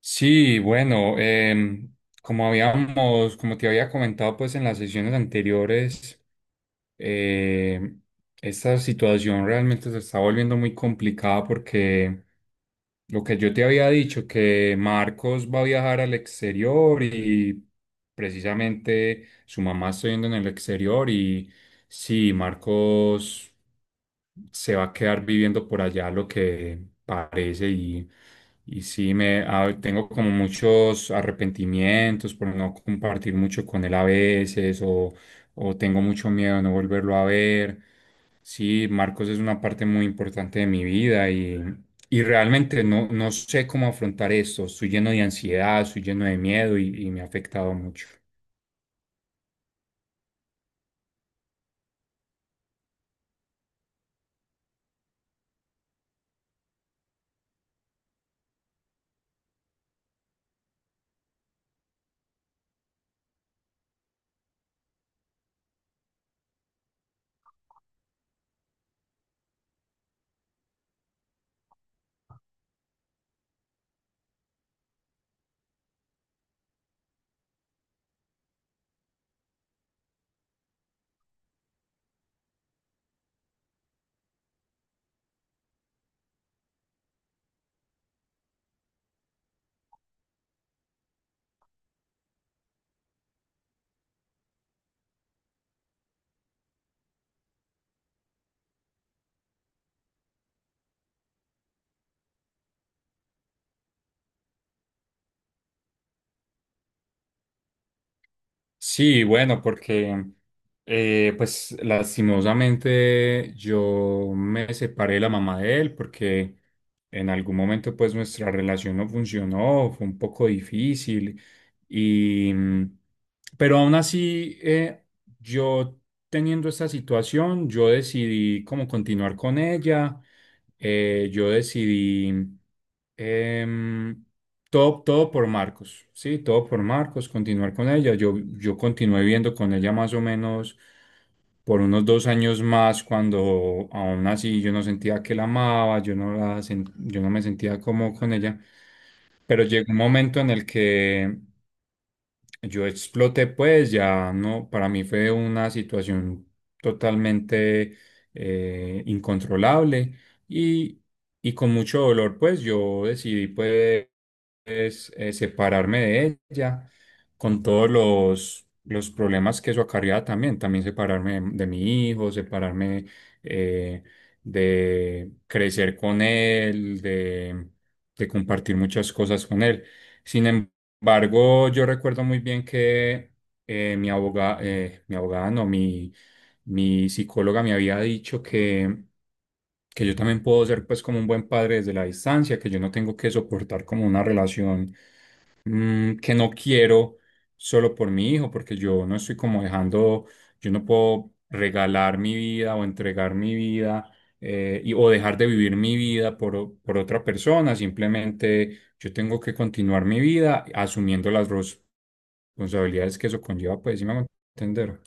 Sí, bueno, como te había comentado pues en las sesiones anteriores. em, Esta situación realmente se está volviendo muy complicada porque lo que yo te había dicho, que Marcos va a viajar al exterior y precisamente su mamá está viendo en el exterior y sí, Marcos se va a quedar viviendo por allá lo que parece. Y sí me tengo como muchos arrepentimientos por no compartir mucho con él a veces o tengo mucho miedo de no volverlo a ver. Sí, Marcos es una parte muy importante de mi vida y realmente no sé cómo afrontar esto. Estoy lleno de ansiedad, estoy lleno de miedo y me ha afectado mucho. Sí, bueno, porque pues lastimosamente yo me separé de la mamá de él porque en algún momento pues nuestra relación no funcionó, fue un poco difícil y pero aún así, yo teniendo esta situación yo decidí como continuar con ella. Yo decidí, em, todo por Marcos, sí, todo por Marcos, continuar con ella. Yo continué viendo con ella más o menos por unos 2 años más, cuando aún así yo no sentía que la amaba, yo no la, yo no me sentía como con ella, pero llegó un momento en el que yo exploté, pues ya no, para mí fue una situación totalmente incontrolable, y, y con mucho dolor, pues yo decidí, pues es separarme de ella, con todos los problemas que eso acarreaba. También, también separarme de mi hijo, separarme, eh, de crecer con él, de compartir muchas cosas con él. Sin embargo, yo recuerdo muy bien que, eh, mi abogada, mi abogada, no, mi psicóloga me había dicho que yo también puedo ser pues como un buen padre desde la distancia, que yo no tengo que soportar como una relación, que no quiero solo por mi hijo, porque yo no estoy como dejando, yo no puedo regalar mi vida o entregar mi vida, o dejar de vivir mi vida por, por otra persona. Simplemente yo tengo que continuar mi vida asumiendo las responsabilidades que eso conlleva, pues sí me hago entender.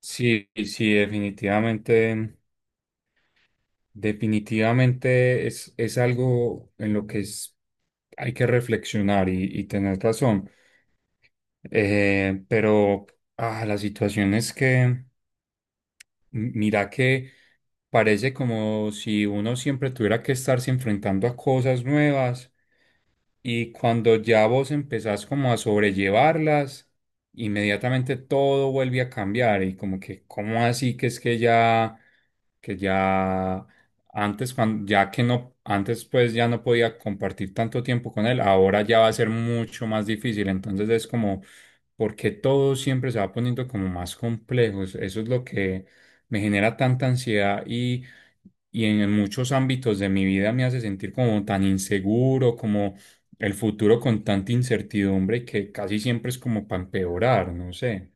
Sí, sí, definitivamente, definitivamente es algo en lo que hay que reflexionar y tener razón. Pero la situación es que, mira que parece como si uno siempre tuviera que estarse enfrentando a cosas nuevas. Y cuando ya vos empezás como a sobrellevarlas, inmediatamente todo vuelve a cambiar. Y como que, ¿cómo así que es que ya, que ya antes pues ya no podía compartir tanto tiempo con él, ahora ya va a ser mucho más difícil? Entonces es como, porque todo siempre se va poniendo como más complejo. Eso es lo que me genera tanta ansiedad, y en muchos ámbitos de mi vida me hace sentir como tan inseguro, como el futuro con tanta incertidumbre que casi siempre es como para empeorar, no sé.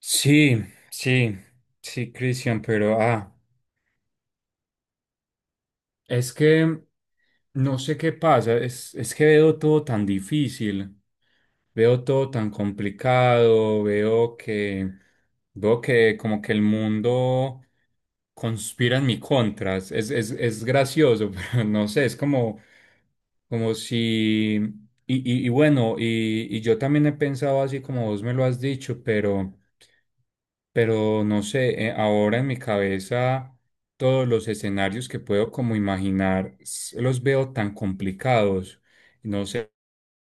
Sí, sí, sí, Cristian, pero es que no sé qué pasa, es que veo todo tan difícil, veo todo tan complicado, veo que como que el mundo conspira en mi contra. Es gracioso, pero no sé, es como. Como si, y bueno, y yo también he pensado así como vos me lo has dicho, pero no sé, ahora en mi cabeza todos los escenarios que puedo como imaginar los veo tan complicados, no sé,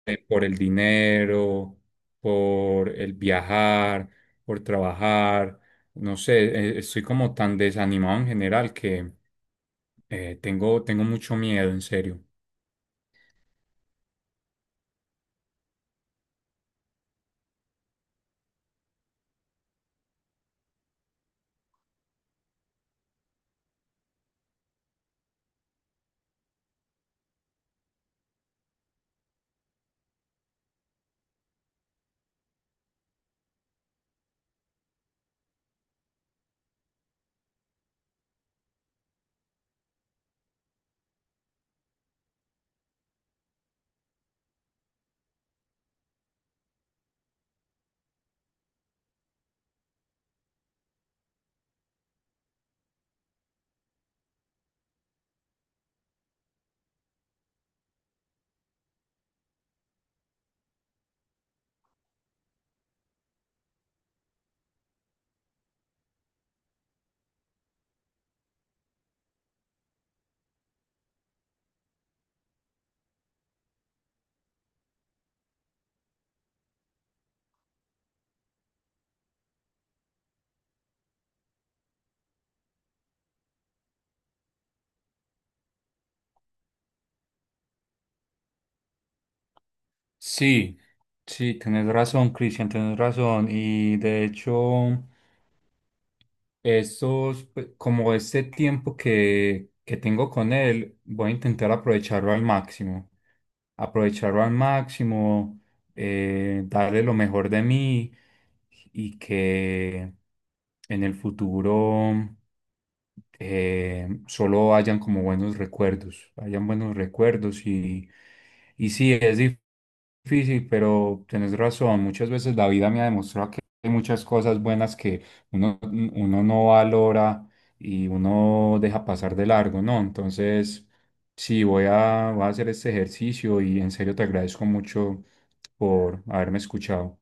por el dinero, por el viajar, por trabajar, no sé, estoy como tan desanimado en general que, tengo mucho miedo, en serio. Sí, sí, tienes razón, Cristian, tienes razón. Y de hecho, esos, pues, como este tiempo que tengo con él, voy a intentar aprovecharlo al máximo. Aprovecharlo al máximo, darle lo mejor de mí. Y que en el futuro solo hayan como buenos recuerdos, hayan buenos recuerdos y sí, es difícil, pero tenés razón, muchas veces la vida me ha demostrado que hay muchas cosas buenas uno, uno no valora y uno deja pasar de largo, ¿no? Entonces, sí, voy a hacer este ejercicio y en serio te agradezco mucho por haberme escuchado.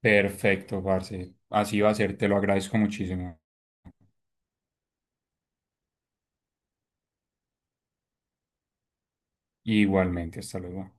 Perfecto, parce. Así va a ser, te lo agradezco muchísimo. Igualmente, hasta luego.